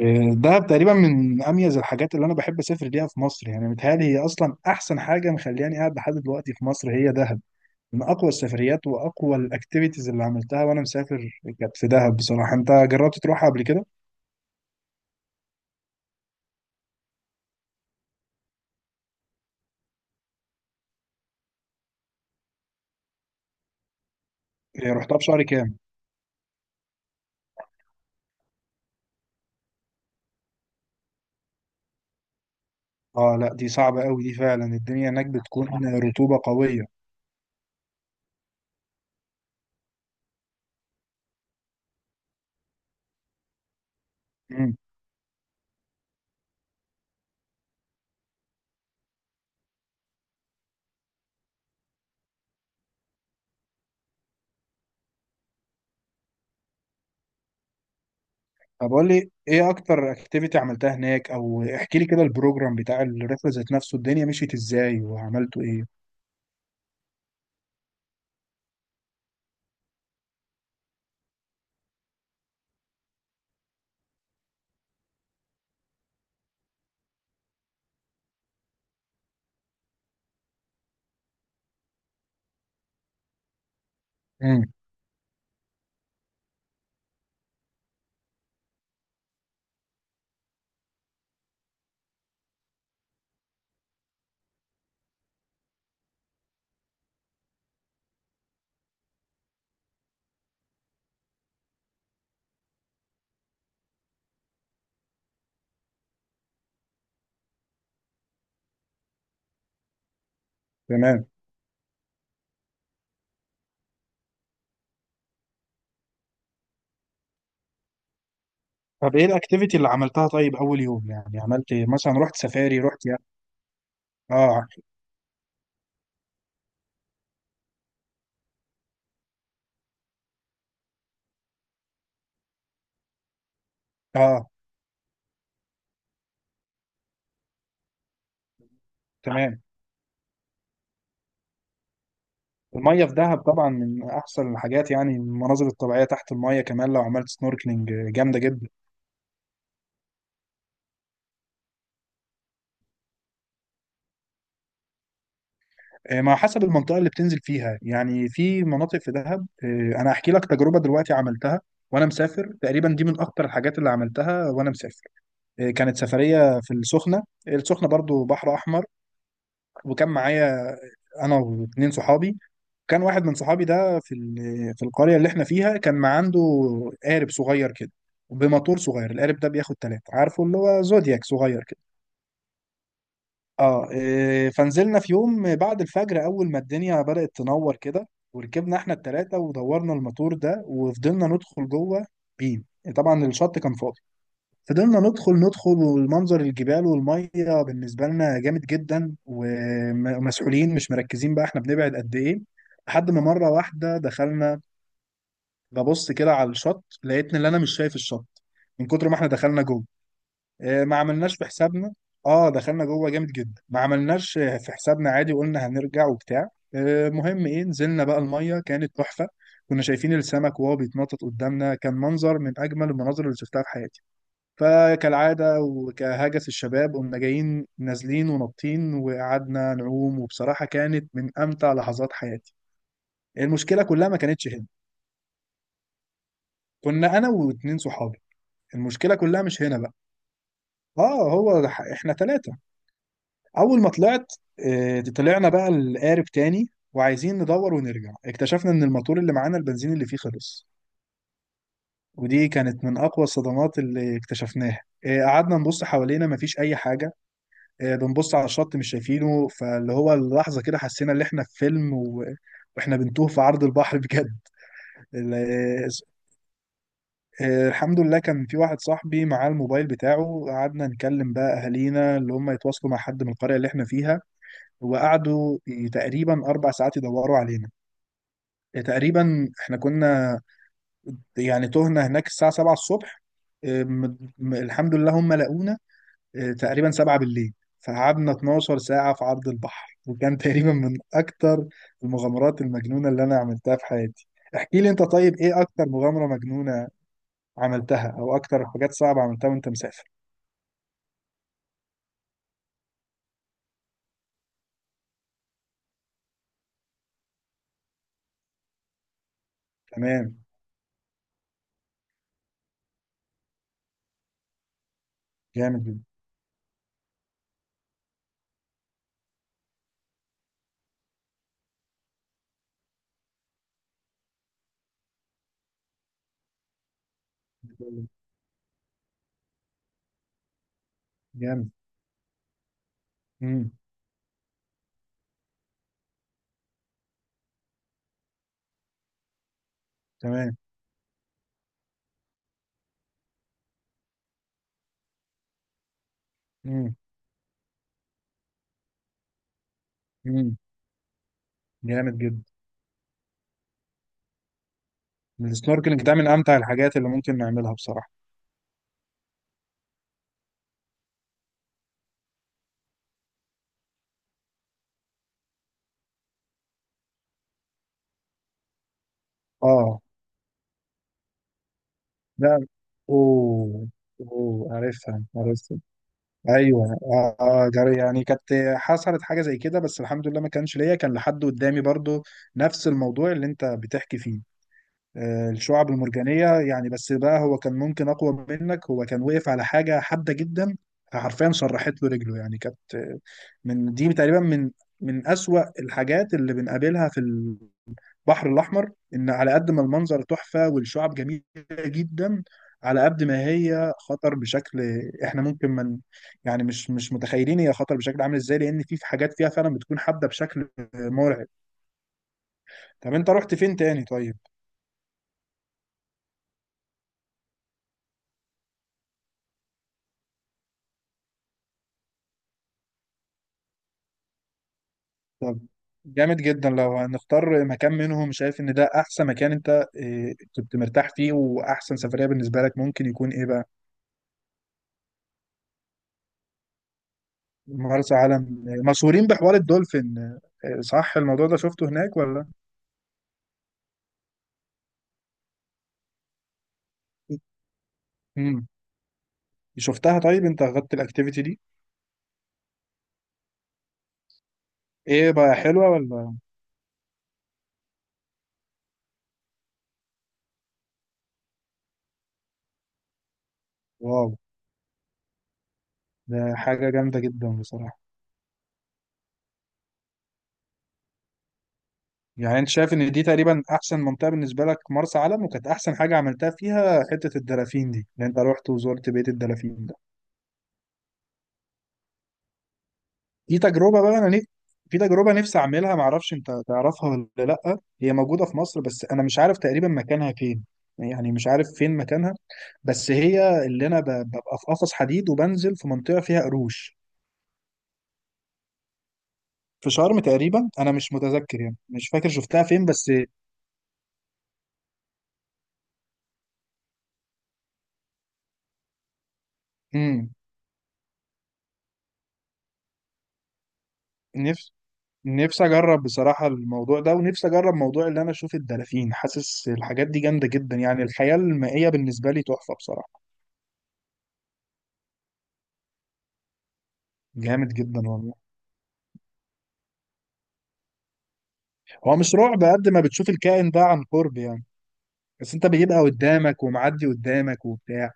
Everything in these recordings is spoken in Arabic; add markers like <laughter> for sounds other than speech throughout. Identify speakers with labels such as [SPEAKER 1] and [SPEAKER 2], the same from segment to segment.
[SPEAKER 1] دهب تقريبا من اميز الحاجات اللي انا بحب اسافر ليها في مصر، يعني متهيألي هي اصلا احسن حاجه مخلياني قاعد لحد دلوقتي في مصر هي دهب. من اقوى السفريات واقوى الاكتيفيتيز اللي عملتها وانا مسافر كانت في دهب. بصراحه انت جربت تروحها قبل كده؟ رحتها في شهر كام؟ اه لا، دي صعبه قوي دي، فعلا الدنيا هناك بتكون رطوبه قويه. امم. طب قول لي ايه اكتر اكتيفيتي عملتها هناك، او احكي لي كده البروجرام بتاع الرحله ذات نفسه، الدنيا مشيت ازاي وعملتوا ايه؟ امم. تمام. طب ايه الاكتيفيتي اللي عملتها؟ طيب اول يوم يعني عملت إيه؟ مثلا رحت سفاري، رحت يخت؟ اه. اه. تمام. الميه في دهب طبعا من احسن الحاجات، يعني المناظر الطبيعيه تحت الميه كمان لو عملت سنوركلينج جامده جدا. ما حسب المنطقه اللي بتنزل فيها، يعني في مناطق في دهب. انا هحكي لك تجربه دلوقتي عملتها وانا مسافر، تقريبا دي من اكتر الحاجات اللي عملتها وانا مسافر. كانت سفريه في السخنه. السخنه برضو بحر احمر. وكان معايا انا واتنين صحابي. كان واحد من صحابي ده في في القرية اللي احنا فيها كان ما عنده قارب صغير كده، بموتور صغير. القارب ده بياخد تلاتة، عارفه اللي هو زودياك صغير كده. اه. فنزلنا في يوم بعد الفجر، اول ما الدنيا بدأت تنور كده، وركبنا احنا التلاتة ودورنا الموتور ده وفضلنا ندخل جوه. بيم. طبعا الشط كان فاضي. فضلنا ندخل ندخل، والمنظر الجبال والمية بالنسبة لنا جامد جدا، ومسؤولين مش مركزين بقى احنا بنبعد قد ايه. لحد ما مرة واحدة دخلنا، ببص كده على الشط لقيت ان انا مش شايف الشط من كتر ما احنا دخلنا جوه. ما عملناش في حسابنا. اه دخلنا جوه جامد جدا، ما عملناش في حسابنا، عادي قلنا هنرجع وبتاع. مهم ايه، نزلنا بقى الميه كانت تحفه. كنا شايفين السمك وهو بيتنطط قدامنا، كان منظر من اجمل المناظر اللي شفتها في حياتي. فكالعاده وكهجس الشباب قمنا جايين نازلين ونطين وقعدنا نعوم، وبصراحه كانت من امتع لحظات حياتي. المشكله كلها ما كانتش هنا. كنا انا واتنين صحابي. المشكله كلها مش هنا بقى. اه هو احنا ثلاثه. اول ما طلعت، طلعنا بقى القارب تاني وعايزين ندور ونرجع، اكتشفنا ان الموتور اللي معانا البنزين اللي فيه خلص. ودي كانت من اقوى الصدمات اللي اكتشفناها. قعدنا نبص حوالينا مفيش اي حاجه. بنبص على الشط مش شايفينه، فاللي هو اللحظه كده حسينا ان احنا في فيلم واحنا بنتوه في عرض البحر بجد. الحمد لله كان في واحد صاحبي معاه الموبايل بتاعه، قعدنا نكلم بقى أهالينا اللي هم يتواصلوا مع حد من القرية اللي احنا فيها. وقعدوا تقريبا أربع ساعات يدوروا علينا. تقريبا احنا كنا يعني تهنا هناك الساعة 7 الصبح، الحمد لله هم لقونا تقريبا 7 بالليل. فقعدنا 12 ساعة في عرض البحر، وكان <laughs> تقريبا من أكتر المغامرات المجنونة اللي أنا عملتها في حياتي. احكي لي أنت طيب، إيه أكتر مغامرة مجنونة عملتها او اكتر حاجات صعبة عملتها وانت مسافر؟ تمام. جامد جدا. جامد. امم. تمام. امم. امم. جامد جدا. السنوركلينج ده من امتع الحاجات اللي ممكن نعملها بصراحه. اه. لا. اوه. اوه عارفها، عرفتها. ايوه اه، جري يعني، كانت حصلت حاجه زي كده بس الحمد لله ما كانش ليا، كان لحد قدامي برضو نفس الموضوع اللي انت بتحكي فيه. الشعب المرجانيه يعني، بس بقى هو كان ممكن اقوى منك، هو كان واقف على حاجه حاده جدا، حرفيا شرحت له رجله يعني. كانت من دي تقريبا، من أسوأ الحاجات اللي بنقابلها في البحر الأحمر، إن على قد ما المنظر تحفة والشعب جميلة جدا، على قد ما هي خطر بشكل، إحنا ممكن من، يعني مش متخيلين هي خطر بشكل عامل إزاي، لأن في حاجات فيها فعلا بتكون حادة بشكل مرعب. طب أنت رحت فين تاني طيب؟ طب جامد جدا. لو هنختار مكان منهم، شايف إن ده أحسن مكان أنت كنت مرتاح فيه، وأحسن سفرية بالنسبة لك ممكن يكون إيه بقى؟ مرسى علم مشهورين بحوار الدولفين، صح؟ الموضوع ده شفته هناك ولا؟ امم. شفتها طيب؟ انت اخدت الاكتيفيتي دي؟ ايه بقى، حلوة ولا؟ واو. ده حاجة جامدة جدا بصراحة. يعني انت شايف ان دي تقريبا احسن منطقة بالنسبة لك مرسى علم، وكانت احسن حاجة عملتها فيها حتة الدلافين دي اللي انت رحت وزرت بيت الدلافين ده. في تجربة بقى أنا في تجربة نفسي أعملها، معرفش أنت تعرفها ولا لأ، هي موجودة في مصر بس أنا مش عارف تقريبا مكانها فين، يعني مش عارف فين مكانها. بس هي اللي أنا ببقى في قفص حديد وبنزل في منطقة فيها قروش. في شرم تقريبا، أنا مش متذكر يعني، مش فاكر شفتها فين بس. امم. نفسي. نفسي أجرب بصراحة الموضوع ده، ونفسي أجرب موضوع اللي أنا أشوف الدلافين، حاسس الحاجات دي جامدة جدا، يعني الحياة المائية بالنسبة لي تحفة بصراحة. جامد جدا والله. هو مش رعب قد ما بتشوف الكائن ده عن قرب يعني. بس انت بيبقى قدامك ومعدي قدامك وبتاع.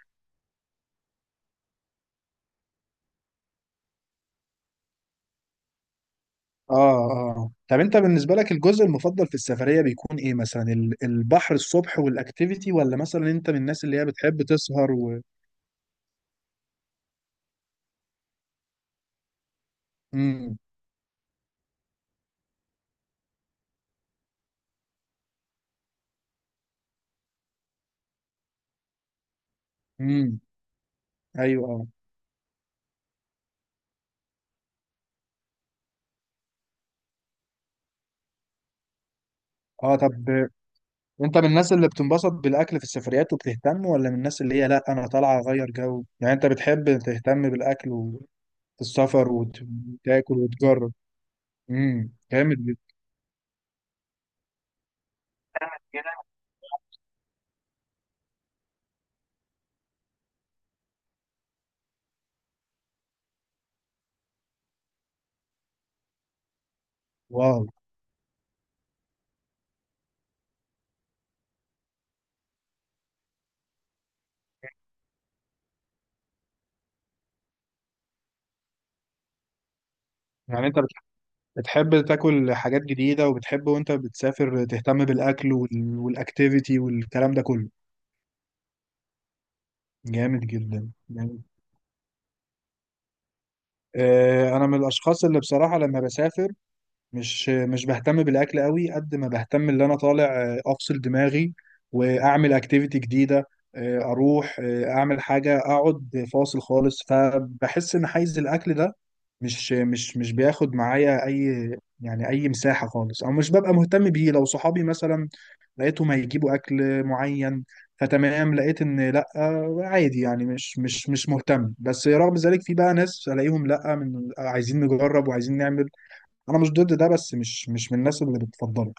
[SPEAKER 1] اه. اه طب انت بالنسبة لك الجزء المفضل في السفرية بيكون ايه، مثلا البحر الصبح والاكتيفيتي، ولا مثلا انت من الناس اللي هي بتحب تسهر و... امم. امم. ايوه اه. اه طب انت من الناس اللي بتنبسط بالاكل في السفريات وبتهتم، ولا من الناس اللي هي لا انا طالعة اغير جو؟ يعني انت بتحب تهتم بالاكل وفي السفر وتاكل وتجرب؟ امم. جامد جدا. واو. يعني انت بتحب تاكل حاجات جديدة، وبتحب وانت بتسافر تهتم بالاكل والاكتيفيتي والكلام ده كله؟ جامد جدا جامد. انا من الاشخاص اللي بصراحة لما بسافر مش بهتم بالاكل قوي قد ما بهتم اللي انا طالع افصل دماغي واعمل اكتيفيتي جديدة، اروح اعمل حاجة اقعد فاصل خالص. فبحس ان حيز الاكل ده مش بياخد معايا اي يعني اي مساحه خالص، او مش ببقى مهتم بيه. لو صحابي مثلا لقيتهم هيجيبوا اكل معين فتمام، لقيت ان لا عادي يعني مش مهتم. بس رغم ذلك في بقى ناس الاقيهم لا من عايزين نجرب وعايزين نعمل، انا مش ضد ده بس مش مش من الناس اللي بتفضله.